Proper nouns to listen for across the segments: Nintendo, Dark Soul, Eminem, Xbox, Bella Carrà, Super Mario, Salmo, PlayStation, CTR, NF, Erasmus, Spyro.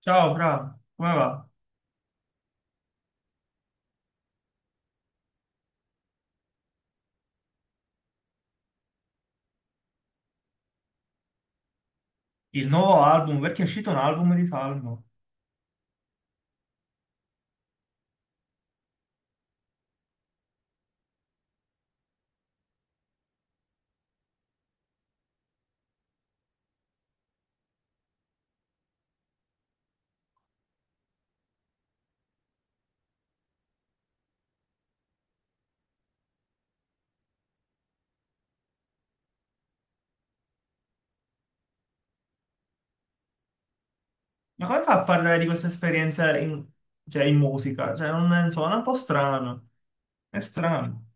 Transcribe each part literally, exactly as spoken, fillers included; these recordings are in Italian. Ciao Fra, come va? Il nuovo album, perché è uscito un album di Salmo. Ma come fa a parlare di questa esperienza in, cioè, in musica? Cioè, non, non so, è un po' strano. È strano.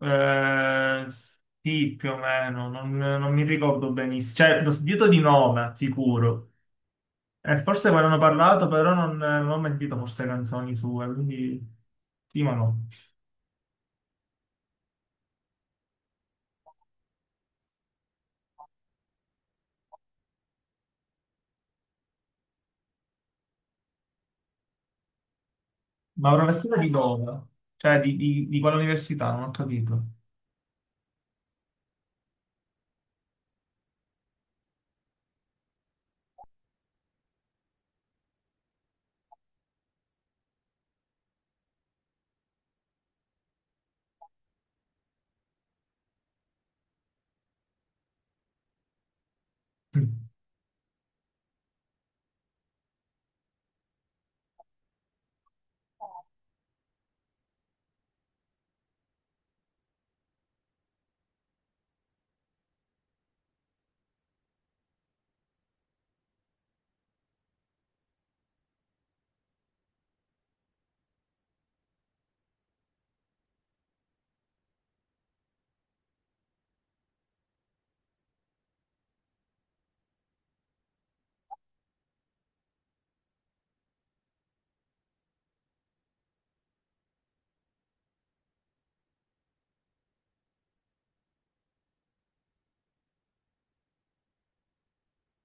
Eh, sì, più o meno, non, non mi ricordo benissimo. Cioè, l'ho sentito di nome, sicuro. E forse quando hanno parlato, però non, non ho sentito forse canzoni sue, quindi sì, ma no. Ma professore di dove? Cioè, di, di, di quale università? Non ho capito.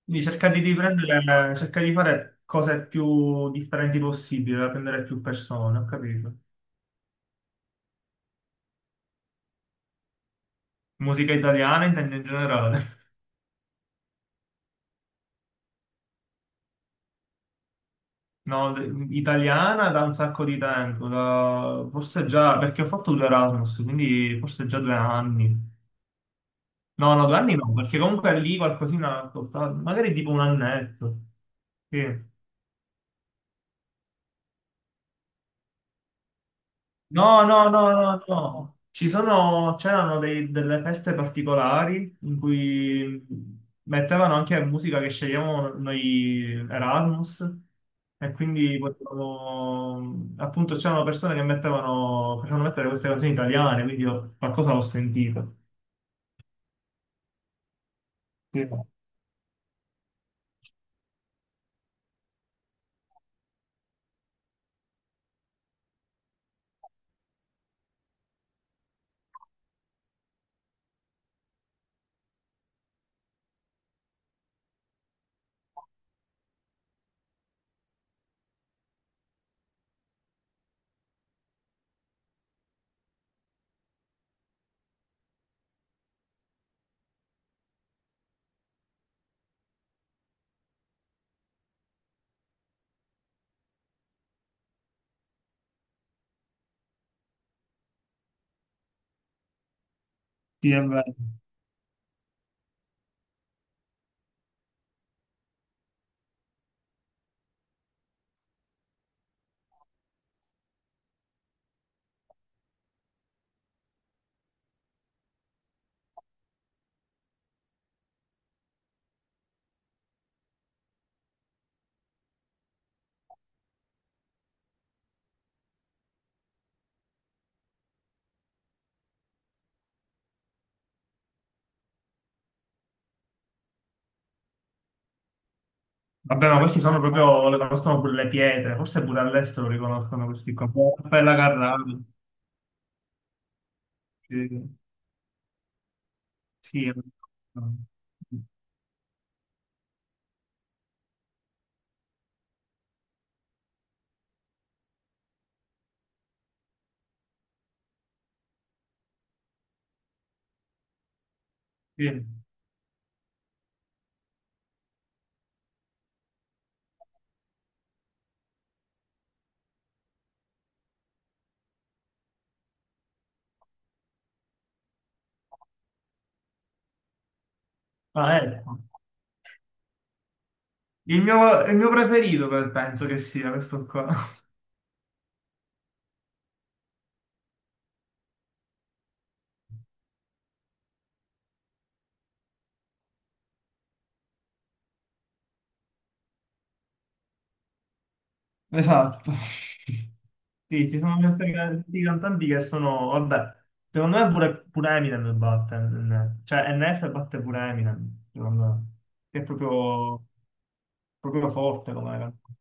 Quindi cercare di riprendere, cercare di fare cose più differenti possibili, da prendere più persone, ho capito. Musica italiana intendo in generale. No, d- italiana da un sacco di tempo, da- forse già, perché ho fatto due Erasmus, quindi forse già due anni. No, no, due anni no, perché comunque lì qualcosina ho ascoltato, magari tipo un annetto. Sì. No, no, no, no, no. Ci sono, c'erano dei- delle feste particolari in cui mettevano anche musica che scegliamo noi Erasmus e quindi potevamo, appunto c'erano persone che mettevano, facevano mettere queste canzoni italiane, quindi io qualcosa l'ho sentito. Sì, sì, è vero. Vabbè, ma questi sono proprio, le conoscono pure le pietre, forse pure all'estero riconoscono questi qua. Bella Carrà. Sì, sì, è vero. Sì. Ah, ecco. Il mio, il mio preferito per- penso che sia questo qua. Esatto. Sì, ci sono questi can- questi cantanti che sono, vabbè, secondo me pure, pure Eminem batte, N F. Cioè N F batte pure Eminem, secondo me, che è proprio, proprio, forte come cantante.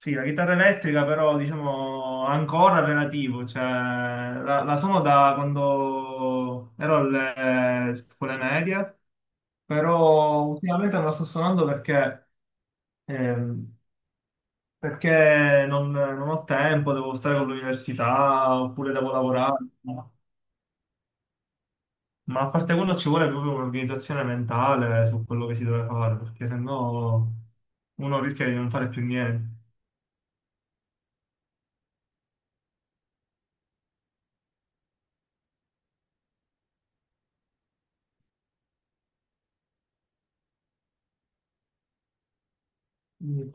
Sì, la chitarra elettrica però diciamo ancora relativo, cioè la, la suono da quando ero alle eh, scuole medie, però ultimamente non la sto suonando perché, ehm, perché non, non ho tempo, devo stare con l'università oppure devo lavorare, ma a parte quello ci vuole proprio un'organizzazione mentale su quello che si deve fare, perché sennò uno rischia di non fare più niente. Mm.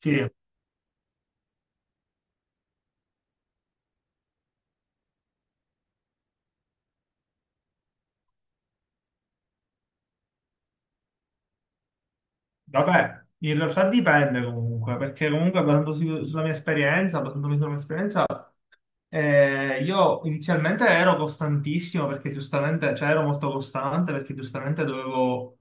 Sì. Vabbè, in realtà dipende comunque, perché comunque basandosi sulla mia esperienza, basandomi sulla mia esperienza, eh, io inizialmente ero costantissimo perché giustamente, cioè ero molto costante perché giustamente dovevo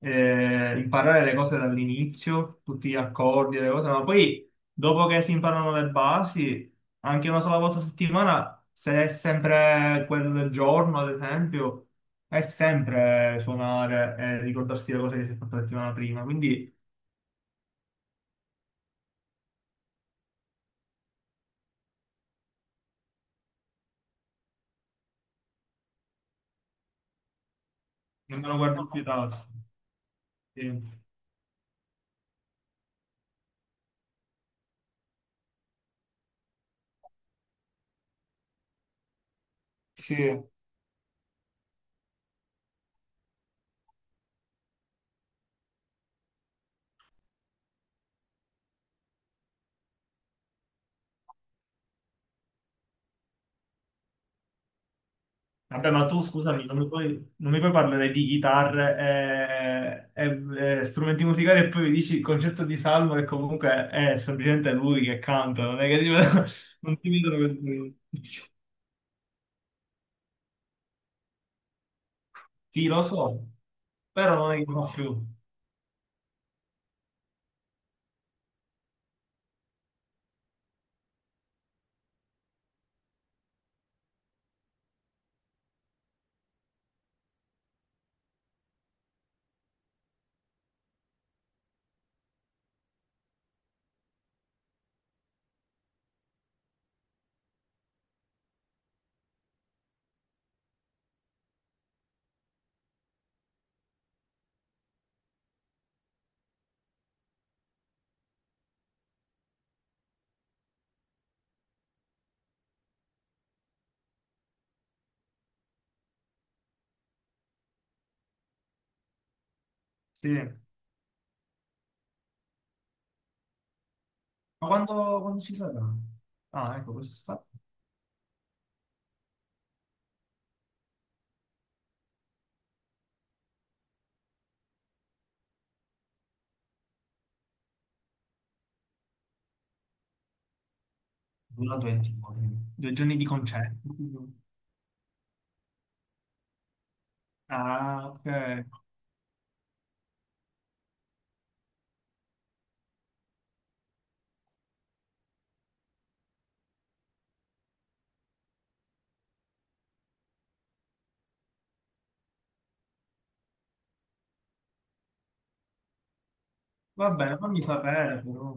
eh, imparare le cose dall'inizio, tutti gli accordi, le cose, ma poi dopo che si imparano le basi, anche una sola volta a settimana, se è sempre quello del giorno, ad esempio, è sempre suonare e ricordarsi le cose che si è fatta la settimana prima, quindi non me lo guardo più da oggi. Sì. Sì. Vabbè, ma tu scusami, non mi puoi, non mi puoi parlare di chitarre e, e- e strumenti musicali e poi mi dici il concerto di Salmo che comunque è semplicemente lui che canta, non è che ti vedo- non ti vedono che- Sì, lo so, però non è che non più. Sì. Ma quando, quando ci sarà? Ah, ecco, questo sta durando venti giorni. Due giorni di concerto. Ah, ok. Va bene, fammi sapere però.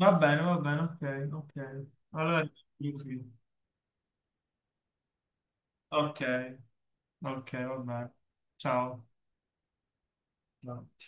Va bene, va bene, ok, ok. Allora, sì. ok, ok, va bene. Ciao. Ciao.